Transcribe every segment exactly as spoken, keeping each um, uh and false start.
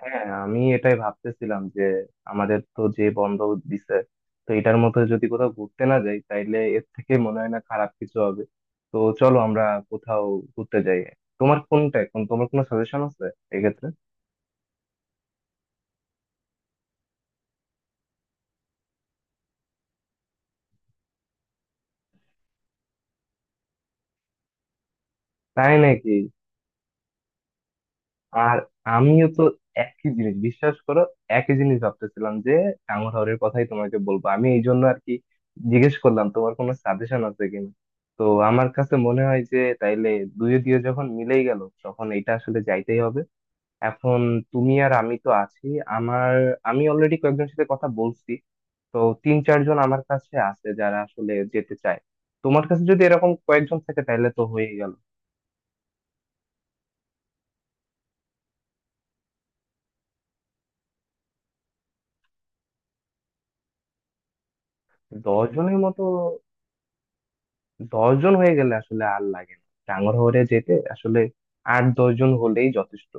হ্যাঁ আমি এটাই ভাবতেছিলাম যে আমাদের তো যে বন্ধ দিছে, তো এটার মধ্যে যদি কোথাও ঘুরতে না যাই তাইলে এর থেকে মনে হয় না খারাপ কিছু হবে। তো চলো আমরা কোথাও ঘুরতে যাই। তোমার কোনটা এখন, তোমার কোনো সাজেশন আছে এক্ষেত্রে? তাই নাকি? আর আমিও তো একই জিনিস, বিশ্বাস করো, একই জিনিস ভাবতেছিলাম যে টাঙ্গুয়ারের কথাই তোমাকে বলবো আমি, এই জন্য আর কি জিজ্ঞেস করলাম তোমার কোনো সাজেশন আছে কিনা। তো আমার কাছে মনে হয় যে তাইলে দুয়ে দিয়ে যখন মিলেই গেল তখন এটা আসলে যাইতেই হবে। এখন তুমি আর আমি তো আছি, আমার আমি অলরেডি কয়েকজনের সাথে কথা বলছি। তো তিন চারজন আমার কাছে আছে যারা আসলে যেতে চায়। তোমার কাছে যদি এরকম কয়েকজন থাকে তাহলে তো হয়ে গেল। দশ জনের মতো। দশ জন হয়ে গেলে আসলে আর লাগে না ডাঙর হয়ে যেতে, আসলে আট দশ জন হলেই যথেষ্ট।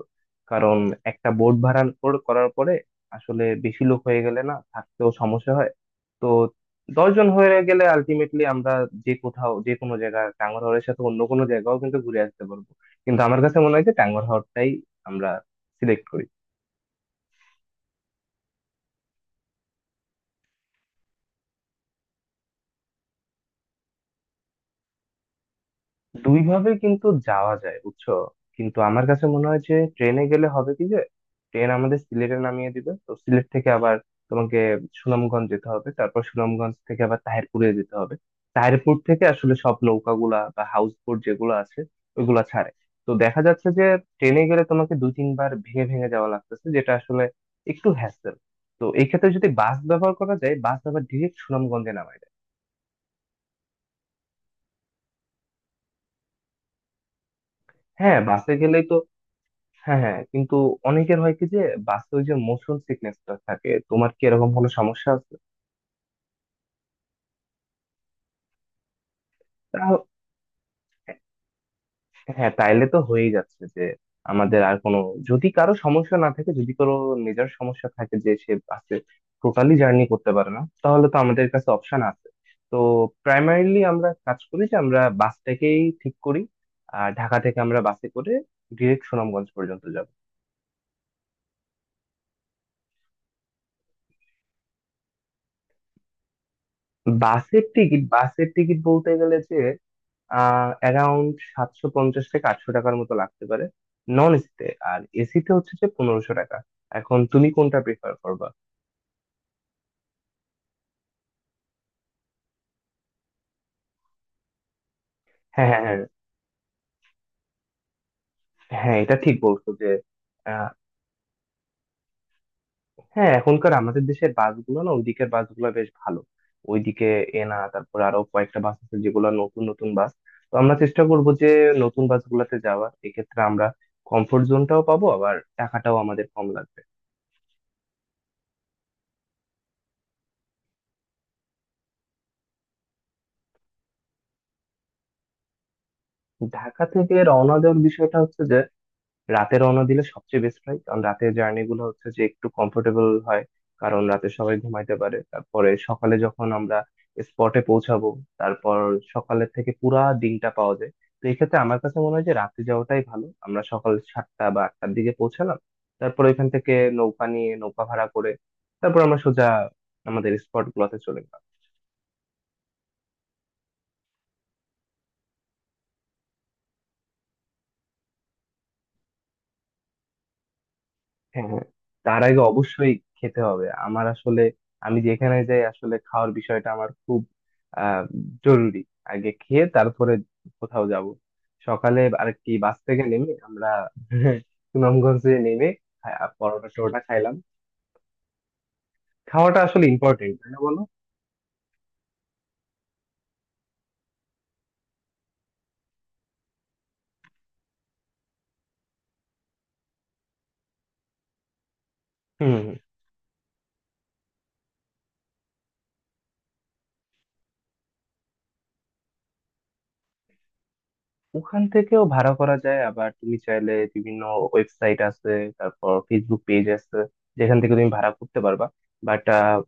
কারণ একটা বোট ভাড়া কর- করার পরে আসলে বেশি লোক হয়ে গেলে না থাকতেও সমস্যা হয়। তো দশ জন হয়ে গেলে আলটিমেটলি আমরা যে কোথাও, যে কোনো জায়গা, টাঙ্গরহরের সাথে অন্য কোনো জায়গাও কিন্তু ঘুরে আসতে পারবো। কিন্তু আমার কাছে মনে হয় যে টাঙ্গরহরটাই আমরা সিলেক্ট করি। দুই ভাবে কিন্তু যাওয়া যায় বুঝছো। কিন্তু আমার কাছে মনে হয় যে ট্রেনে গেলে হবে কি যে ট্রেন আমাদের সিলেটে নামিয়ে দিবে, তো সিলেট থেকে আবার তোমাকে সুনামগঞ্জ যেতে হবে, তারপর সুনামগঞ্জ থেকে আবার তাহিরপুরে যেতে হবে। তাহিরপুর থেকে আসলে সব নৌকাগুলা বা হাউস বোট যেগুলো আছে ওইগুলা ছাড়ে। তো দেখা যাচ্ছে যে ট্রেনে গেলে তোমাকে দুই তিনবার ভেঙে ভেঙে যাওয়া লাগতেছে, যেটা আসলে একটু হ্যাসেল। তো এই ক্ষেত্রে যদি বাস ব্যবহার করা যায়, বাস আবার ডিরেক্ট সুনামগঞ্জে নামায় দেয়। হ্যাঁ, বাসে গেলেই তো। হ্যাঁ, হ্যাঁ, কিন্তু অনেকের হয় কি যে বাসে ওই যে মোশন সিকনেসটা থাকে, তোমার কি এরকম কোনো সমস্যা আছে? তাও- হ্যাঁ তাইলে তো হয়েই যাচ্ছে যে, আমাদের আর কোনো, যদি কারো সমস্যা না থাকে, যদি কারো মেজর সমস্যা থাকে যে সে বাসে টোটালি জার্নি করতে পারে না, তাহলে তো আমাদের কাছে অপশন আছে। তো প্রাইমারিলি আমরা কাজ করি যে আমরা বাসটাকেই ঠিক করি, আর ঢাকা থেকে আমরা বাসে করে ডিরেক্ট সুনামগঞ্জ পর্যন্ত যাব। বাসের টিকিট বাসের টিকিট বলতে গেলে যে, আহ অ্যারাউন্ড সাতশো পঞ্চাশ থেকে আটশো টাকার মতো লাগতে পারে নন এসিতে। আর এসিতে হচ্ছে যে পনেরোশো টাকা। এখন তুমি কোনটা প্রিফার করবা? হ্যাঁ, হ্যাঁ, হ্যাঁ। হ্যাঁ, এটা ঠিক বলছো যে। আহ, হ্যাঁ, এখনকার আমাদের দেশের বাসগুলো না, ওইদিকের বাসগুলো বেশ ভালো। ওইদিকে এনা, তারপর আরো কয়েকটা বাস আছে যেগুলো নতুন নতুন বাস। তো আমরা চেষ্টা করব যে নতুন বাসগুলোতে যাওয়ার, এক্ষেত্রে আমরা কমফোর্ট জোনটাও পাবো আবার টাকাটাও আমাদের কম লাগবে। ঢাকা থেকে রওনা দেওয়ার বিষয়টা হচ্ছে, রাতে রওনা দিলে সবচেয়ে বেস্ট হয়, কারণ রাতের জার্নি গুলো হচ্ছে যে একটু কমফোর্টেবল হয়। কারণ রাতে সবাই ঘুমাইতে পারে, তারপরে সকালে যখন আমরা স্পটে পৌঁছাবো, তারপর সকালের থেকে পুরা দিনটা পাওয়া যায়। তো এক্ষেত্রে আমার কাছে মনে হয় যে রাতে যাওয়াটাই ভালো। আমরা সকাল সাতটা বা আটটার দিকে পৌঁছালাম, তারপর এখান থেকে নৌকা নিয়ে, নৌকা ভাড়া করে, তারপর আমরা সোজা আমাদের স্পট গুলোতে চলে গেলাম। হ্যাঁ, তার আগে অবশ্যই খেতে হবে। আমার আসলে, আমি যেখানে যাই আসলে খাওয়ার বিষয়টা আমার খুব আহ জরুরি, আগে খেয়ে তারপরে কোথাও যাব। সকালে আর কি বাস থেকে নেমে আমরা সুনামগঞ্জে নেমে খা- পরোটা টরোটা খাইলাম। খাওয়াটা আসলে ইম্পর্টেন্ট, তাই না বলো। হুম। ওখান থেকেও ভাড়া করা যায়, আবার তুমি চাইলে বিভিন্ন ওয়েবসাইট আছে, তারপর ফেসবুক পেজ আছে, যেখান থেকে তুমি ভাড়া করতে পারবা। বাট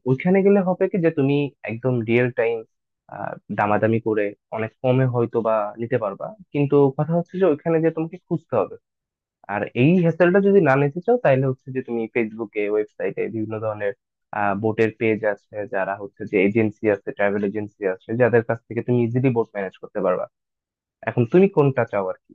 ওইখানে গেলে হবে কি যে তুমি একদম রিয়েল টাইম দামাদামি করে অনেক কমে হয়তো বা নিতে পারবা। কিন্তু কথা হচ্ছে যে ওইখানে যে তোমাকে খুঁজতে হবে। আর এই হ্যাসেলটা যদি না নিতে চাও তাহলে হচ্ছে যে তুমি ফেসবুকে, ওয়েবসাইটে বিভিন্ন ধরনের বোটের পেজ আছে, যারা হচ্ছে যে এজেন্সি আছে, ট্রাভেল এজেন্সি আছে, যাদের কাছ থেকে তুমি ইজিলি বোট ম্যানেজ করতে পারবা। এখন তুমি কোনটা চাও আর কি?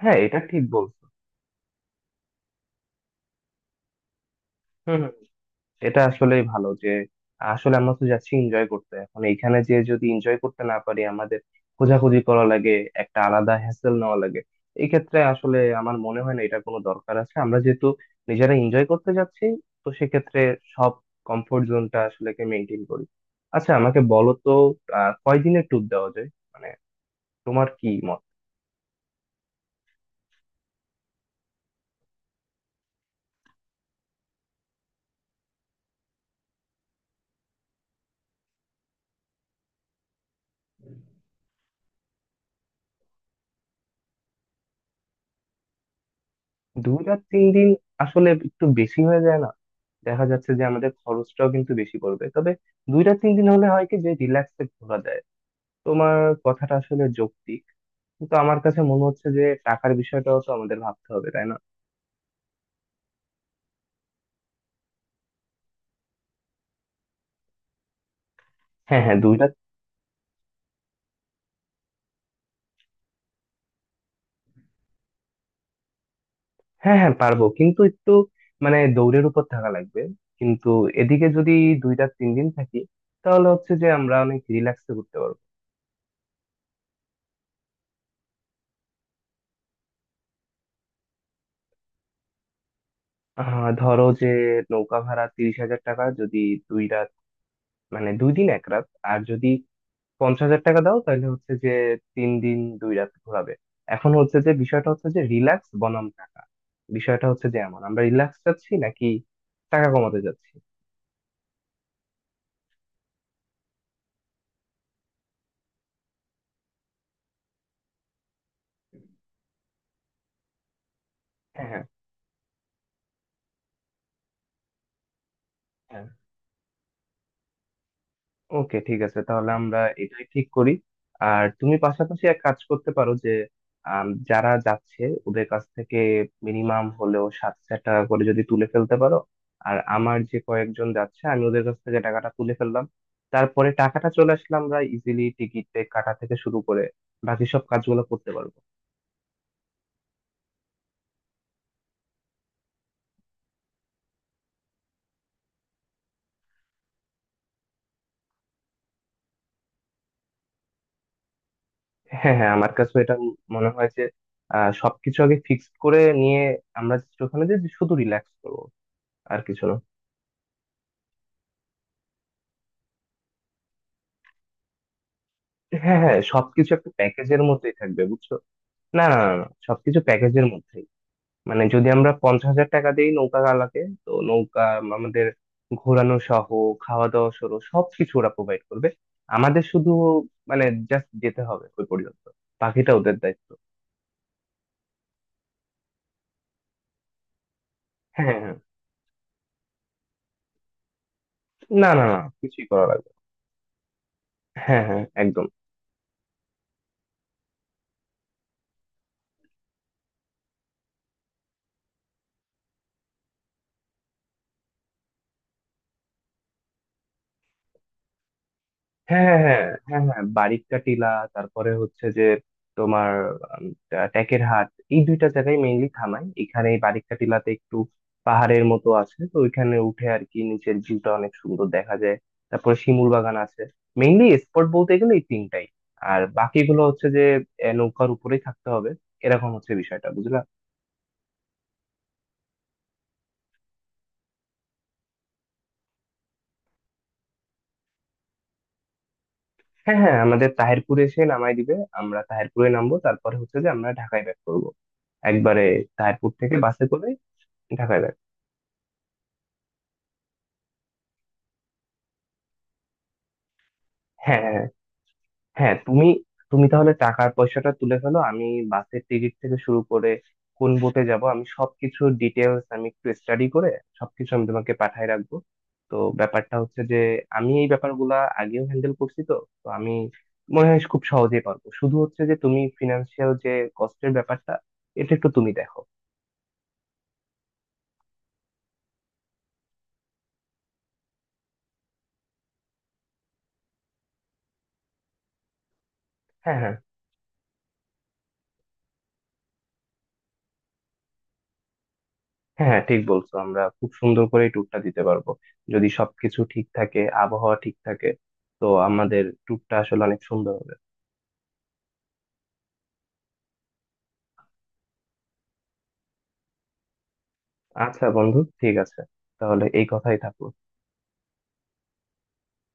হ্যাঁ, এটা ঠিক বলছো। হুম, হুম। এটা আসলেই ভালো যে, আসলে আমরা তো যাচ্ছি এনজয় করতে, এখন এইখানে যে যদি এনজয় করতে না পারি, আমাদের খোঁজাখুঁজি করা লাগে, একটা আলাদা হ্যাসেল নেওয়া লাগে, এই ক্ষেত্রে আসলে আমার মনে হয় না এটা কোনো দরকার আছে। আমরা যেহেতু নিজেরা এনজয় করতে যাচ্ছি, তো সেক্ষেত্রে সব কমফোর্ট জোনটা আসলে কে মেনটেন করি। আচ্ছা আমাকে বলো তো, আহ কয়দিনের ট্যুর দেওয়া যায়, মানে তোমার কি মত? দুই রাত তিন দিন আসলে একটু বেশি হয়ে যায় না? দেখা যাচ্ছে যে আমাদের খরচটাও কিন্তু বেশি পড়বে, তবে দুই রাত তিন দিন হলে হয় কি যে রিল্যাক্সে ঘোরা যায়, তোমার কথাটা আসলে যৌক্তিক, কিন্তু আমার কাছে মনে হচ্ছে যে টাকার বিষয়টাও তো আমাদের ভাবতে হবে, তাই না? হ্যাঁ, হ্যাঁ, দুই রাত। হ্যাঁ, হ্যাঁ, পারবো কিন্তু একটু মানে দৌড়ের উপর থাকা লাগবে, কিন্তু এদিকে যদি দুই রাত তিন দিন থাকি তাহলে হচ্ছে যে আমরা অনেক রিল্যাক্সে ঘুরতে পারবো। আহ ধরো যে নৌকা ভাড়া তিরিশ হাজার টাকা, যদি দুই রাত, মানে দুই দিন এক রাত। আর যদি পঞ্চাশ হাজার টাকা দাও তাহলে হচ্ছে যে তিন দিন দুই রাত ঘোরাবে। এখন হচ্ছে যে বিষয়টা হচ্ছে যে রিল্যাক্স বনাম টাকা, বিষয়টা হচ্ছে যে এমন আমরা রিল্যাক্স চাচ্ছি নাকি টাকা কমাতে চাচ্ছি। হ্যাঁ, হ্যাঁ, ওকে ঠিক আছে, তাহলে আমরা এটাই ঠিক করি। আর তুমি পাশাপাশি এক কাজ করতে পারো যে আম, যারা যাচ্ছে ওদের কাছ থেকে মিনিমাম হলেও সাত হাজার টাকা করে যদি তুলে ফেলতে পারো, আর আমার যে কয়েকজন যাচ্ছে আমি ওদের কাছ থেকে টাকাটা তুলে ফেললাম, তারপরে টাকাটা চলে আসলে আমরা ইজিলি টিকিট কাটা থেকে শুরু করে বাকি সব কাজগুলো করতে পারবো। হ্যাঁ, হ্যাঁ, আমার কাছে এটা মনে হয় যে আহ সবকিছু আগে ফিক্সড করে নিয়ে আমরা just ওখানে যে শুধু রিল্যাক্স করবো, আর কিছু না। হ্যাঁ, হ্যাঁ, সবকিছু একটা প্যাকেজের মধ্যেই থাকবে বুঝছো। না, না, না, না, সবকিছু প্যাকেজের মধ্যেই। মানে যদি আমরা পঞ্চাশ হাজার টাকা দিই নৌকা গালাকে, তো নৌকা আমাদের ঘোরানো সহ, খাওয়া দাওয়া সহ সবকিছু ওরা প্রোভাইড করবে, আমাদের শুধু, মানে জাস্ট যেতে হবে ওই পর্যন্ত, বাকিটা ওদের দায়িত্ব। হ্যাঁ, হ্যাঁ, হ্যাঁ। না, না, না, কিছুই করা লাগবে না। হ্যাঁ, হ্যাঁ, একদম। হ্যাঁ, হ্যাঁ, হ্যাঁ। হ্যাঁ, হ্যাঁ, বারিক্কা টিলা, তারপরে হচ্ছে যে তোমার উম, টা- টেকের হাট, এই দুইটা জায়গায় মেইনলি থামাই। এখানে এই বারিক্কা টিলাতে একটু পাহাড়ের মতো আছে, তো ওইখানে উঠে আর কি নিচের ভিউটা অনেক সুন্দর দেখা যায়। তারপরে শিমুল বাগান আছে। মেইনলি স্পট বলতে গেলে এই তিনটাই। আর বাকিগুলো হচ্ছে যে এ, নৌকার উপরেই থাকতে হবে, এরকম হচ্ছে বিষয়টা বুঝলা। হ্যাঁ, হ্যাঁ, আমাদের তাহিরপুরে এসে নামাই দিবে, আমরা তাহিরপুরে নামবো, তারপরে হচ্ছে যে আমরা ঢাকায় ব্যাক করবো একবারে, তাহিরপুর থেকে বাসে করে ঢাকায় back। হ্যাঁ, হ্যাঁ, তুমি তুমি তাহলে টাকার পয়সাটা তুলে ফেলো, আমি বাসের টিকিট থেকে শুরু করে কোন বোটে যাব, আমি সবকিছু ডিটেলস আমি একটু স্টাডি করে সবকিছু আমি তোমাকে পাঠায় রাখবো। তো ব্যাপারটা হচ্ছে যে আমি এই ব্যাপারগুলা আগেও হ্যান্ডেল করছি, তো তো আমি মনে হয় খুব সহজেই পারবো, শুধু হচ্ছে যে তুমি ফিনান্সিয়াল যে কস্টের ব্যাপারটা, এটা একটু তুমি দেখো। হ্যাঁ, হ্যাঁ, হ্যাঁ। হ্যাঁ, ঠিক বলছো, আমরা খুব সুন্দর করে ট্যুরটা দিতে পারবো, যদি সবকিছু ঠিক থাকে, আবহাওয়া ঠিক থাকে, তো আমাদের ট্যুরটা আসলে অনেক সুন্দর হবে। আচ্ছা বন্ধু ঠিক আছে, তাহলে এই কথাই থাকলো।